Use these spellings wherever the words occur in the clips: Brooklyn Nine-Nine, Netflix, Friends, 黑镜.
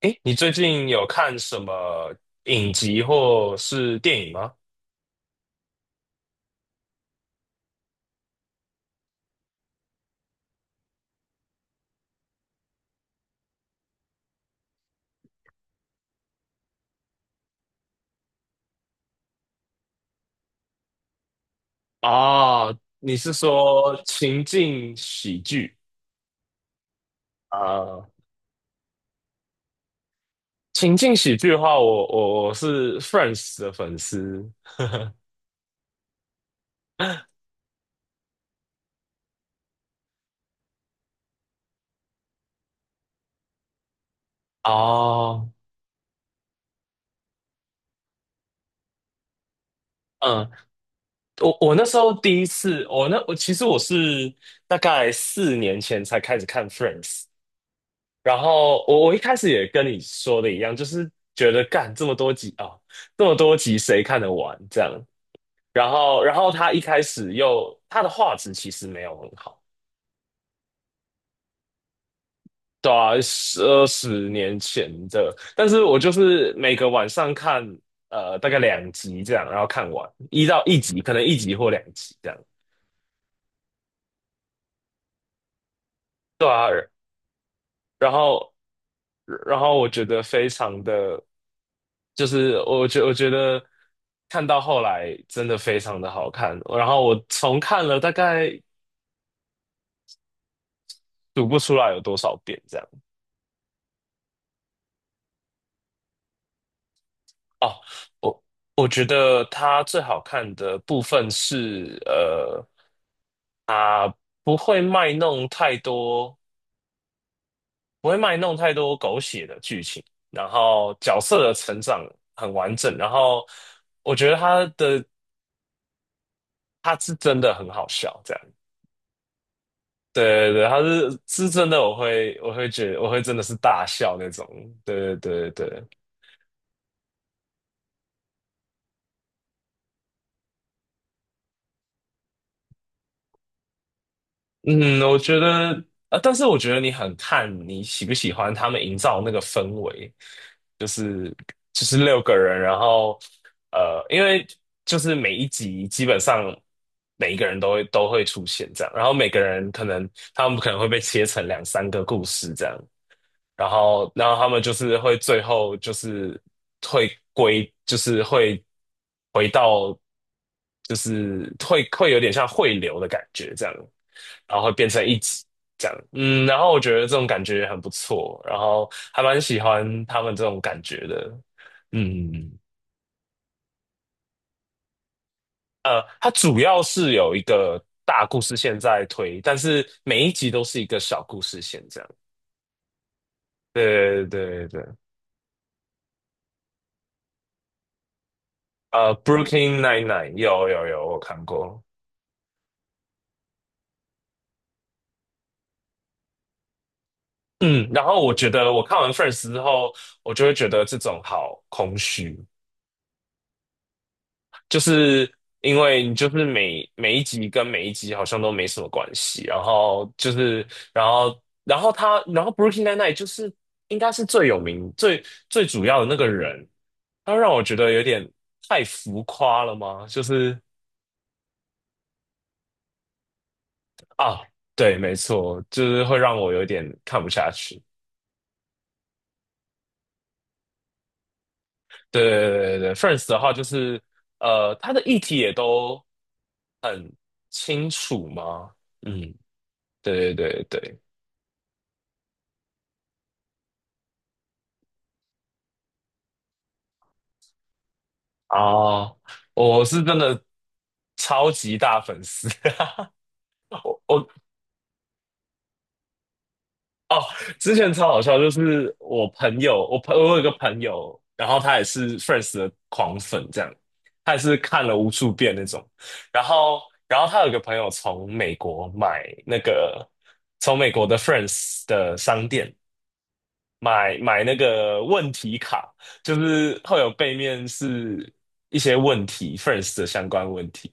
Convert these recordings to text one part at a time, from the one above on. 诶，你最近有看什么影集或是电影吗？啊，你是说情境喜剧啊？情境喜剧的话，我是 Friends 的粉丝。哦，嗯，我那时候第一次，我其实是大概4年前才开始看 Friends，然后我一开始也跟你说的一样，就是觉得干这么多集啊，这么多集谁看得完这样。然后他一开始又他的画质其实没有很好。对啊，20年前的，但是我就是每个晚上看，大概两集这样。然后看完一集，可能一集或两集这样。对啊。然后，然后我觉得非常的，就是我觉得看到后来真的非常的好看。然后我重看了大概读不出来有多少遍这样。哦，我我觉得它最好看的部分是，它不会卖弄太多，不会卖弄太多狗血的剧情。然后角色的成长很完整，然后我觉得它是真的很好笑，这样。对对对，它是真的，我会觉得我会真的是大笑那种。对对对对。嗯，我觉得，啊，但是我觉得你很看你喜不喜欢他们营造那个氛围，就是就是6个人，然后因为就是每一集基本上每一个人都会出现这样，然后每个人可能他们可能会被切成两三个故事这样。然后他们就是会最后就是就是会回到，就是会有点像汇流的感觉这样，然后会变成一集这样。嗯，然后我觉得这种感觉很不错，然后还蛮喜欢他们这种感觉的。嗯，它主要是有一个大故事线在推，但是每一集都是一个小故事线这样。对对对对。Brooklyn Nine-Nine 有有有，我看过。嗯，然后我觉得我看完 f i r s t 之后，我就会觉得这种好空虚，就是因为你就是每一集跟每一集好像都没什么关系，然后就是然后然后他然后 Brooklyn Nine-Nine 就是应该是最有名最主要的那个人，他让我觉得有点太浮夸了吗？就是啊，对，没错，就是会让我有点看不下去。对对对对对，Friends 的话就是它的议题也都很清楚嘛。嗯，对对对对啊，我是真的超级大粉丝。我我哦，之前超好笑，就是我有一个朋友，然后他也是 Friends 的狂粉，这样，他也是看了无数遍那种。然后然后他有一个朋友从美国买那个从美国的 Friends 的商店。买那个问题卡，就是会有背面是一些问题 f i r s t 的相关问题。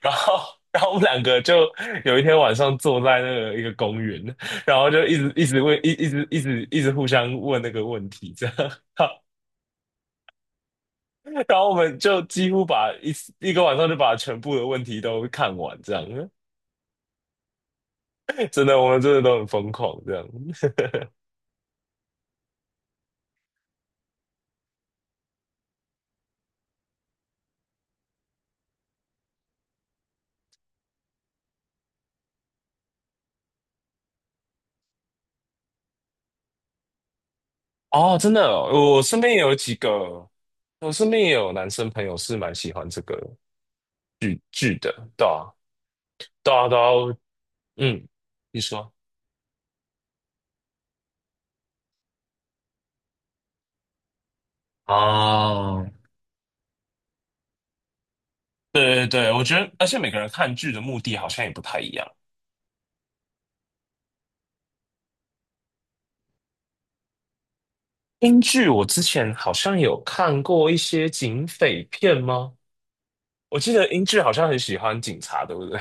然后，然后我们2个就有一天晚上坐在那个一个公园，然后就一直一直问，一直一直一直互相问那个问题，这样。然后我们就几乎把一个晚上就把全部的问题都看完，这样。真的，我们真的都很疯狂，这样。哦，真的哦我身边也有几个，我身边也有男生朋友是蛮喜欢这个剧的。对啊，对啊，对啊。嗯，你说，哦，对对对，我觉得，而且每个人看剧的目的好像也不太一样。英剧我之前好像有看过一些警匪片吗？我记得英剧好像很喜欢警察，对不对？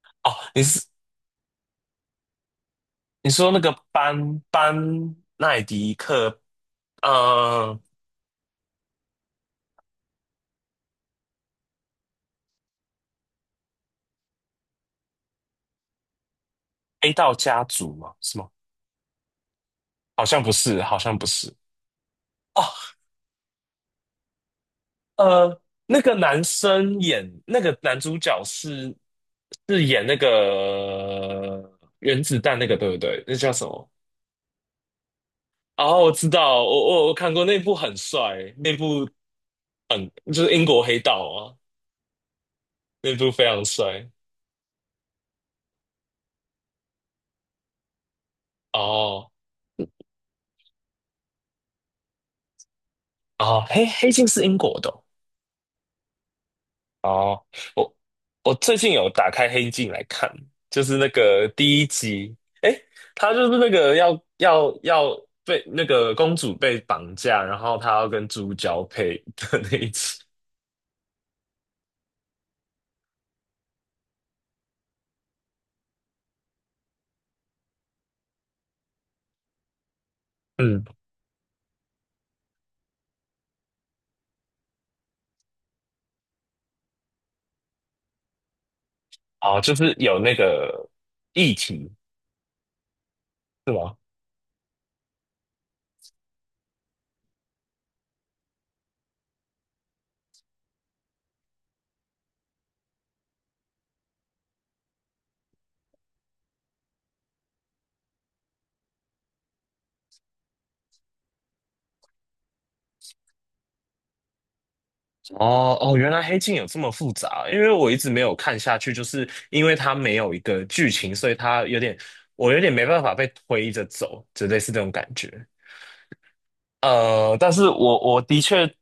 哦，你说那个班奈迪克，呃，A 道家族吗？是吗？好像不是，好像不是。哦，那个男生演那个男主角是演那个原子弹那个，对不对？那叫什么？哦，我知道，我看过那部很帅，那部就是英国黑道啊，那部非常帅。哦哦，黑镜是英国的哦哦，我我最近有打开《黑镜》来看，就是那个第一集。诶，他就是那个要被那个公主被绑架，然后他要跟猪交配的那一集。嗯，哦，就是有那个议题是吗？哦哦，原来《黑镜》有这么复杂，因为我一直没有看下去，就是因为它没有一个剧情，所以它有点我有点没办法被推着走，就类似这种感觉。但是我的确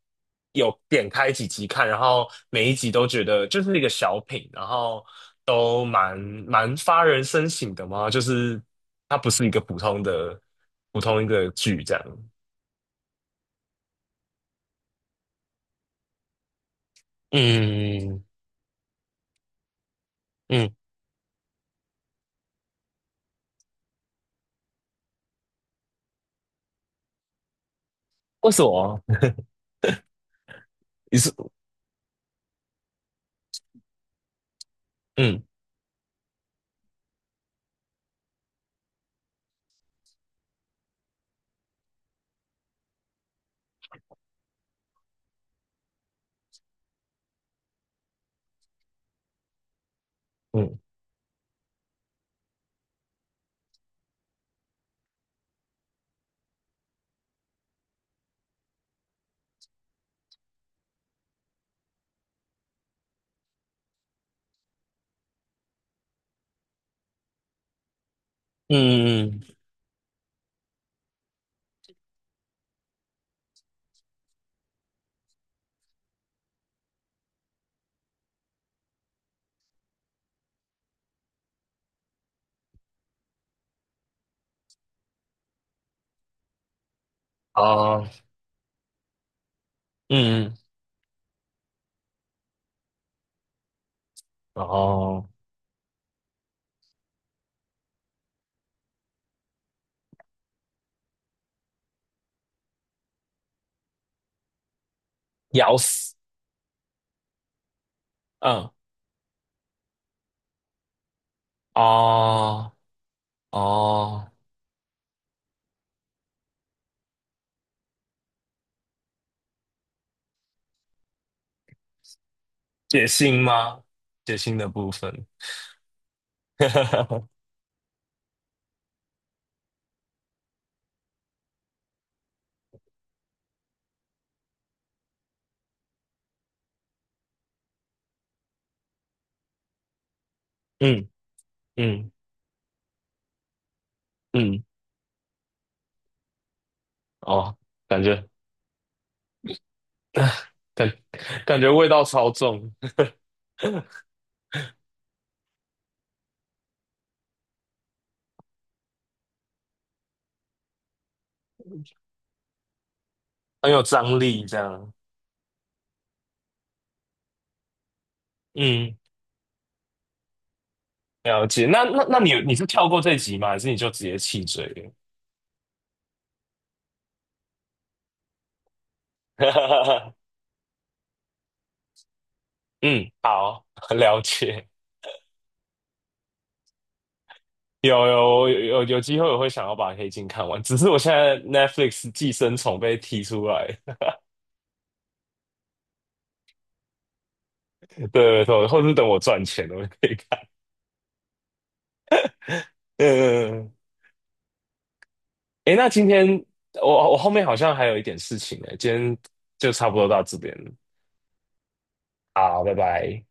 有点开几集看，然后每一集都觉得就是一个小品，然后都蛮发人深省的嘛，就是它不是一个普通的普通一个剧这样。嗯嗯，为什么？你是嗯嗯嗯嗯，哦，嗯，哦，咬死，嗯，哦哦，血腥吗？血腥的部分。嗯嗯。嗯，哦，感觉感感觉味道超重，很有张力这样。嗯，了解。那你是跳过这集吗？还是你就直接弃追了？嗯，好，了解。有机会我会想要把《黑镜》看完，只是我现在 Netflix《寄生虫》被踢出来。对，对或是等我赚钱了我就可以看。嗯，嗯嗯诶，那今天我后面好像还有一点事情诶，今天就差不多到这边了。好，拜拜。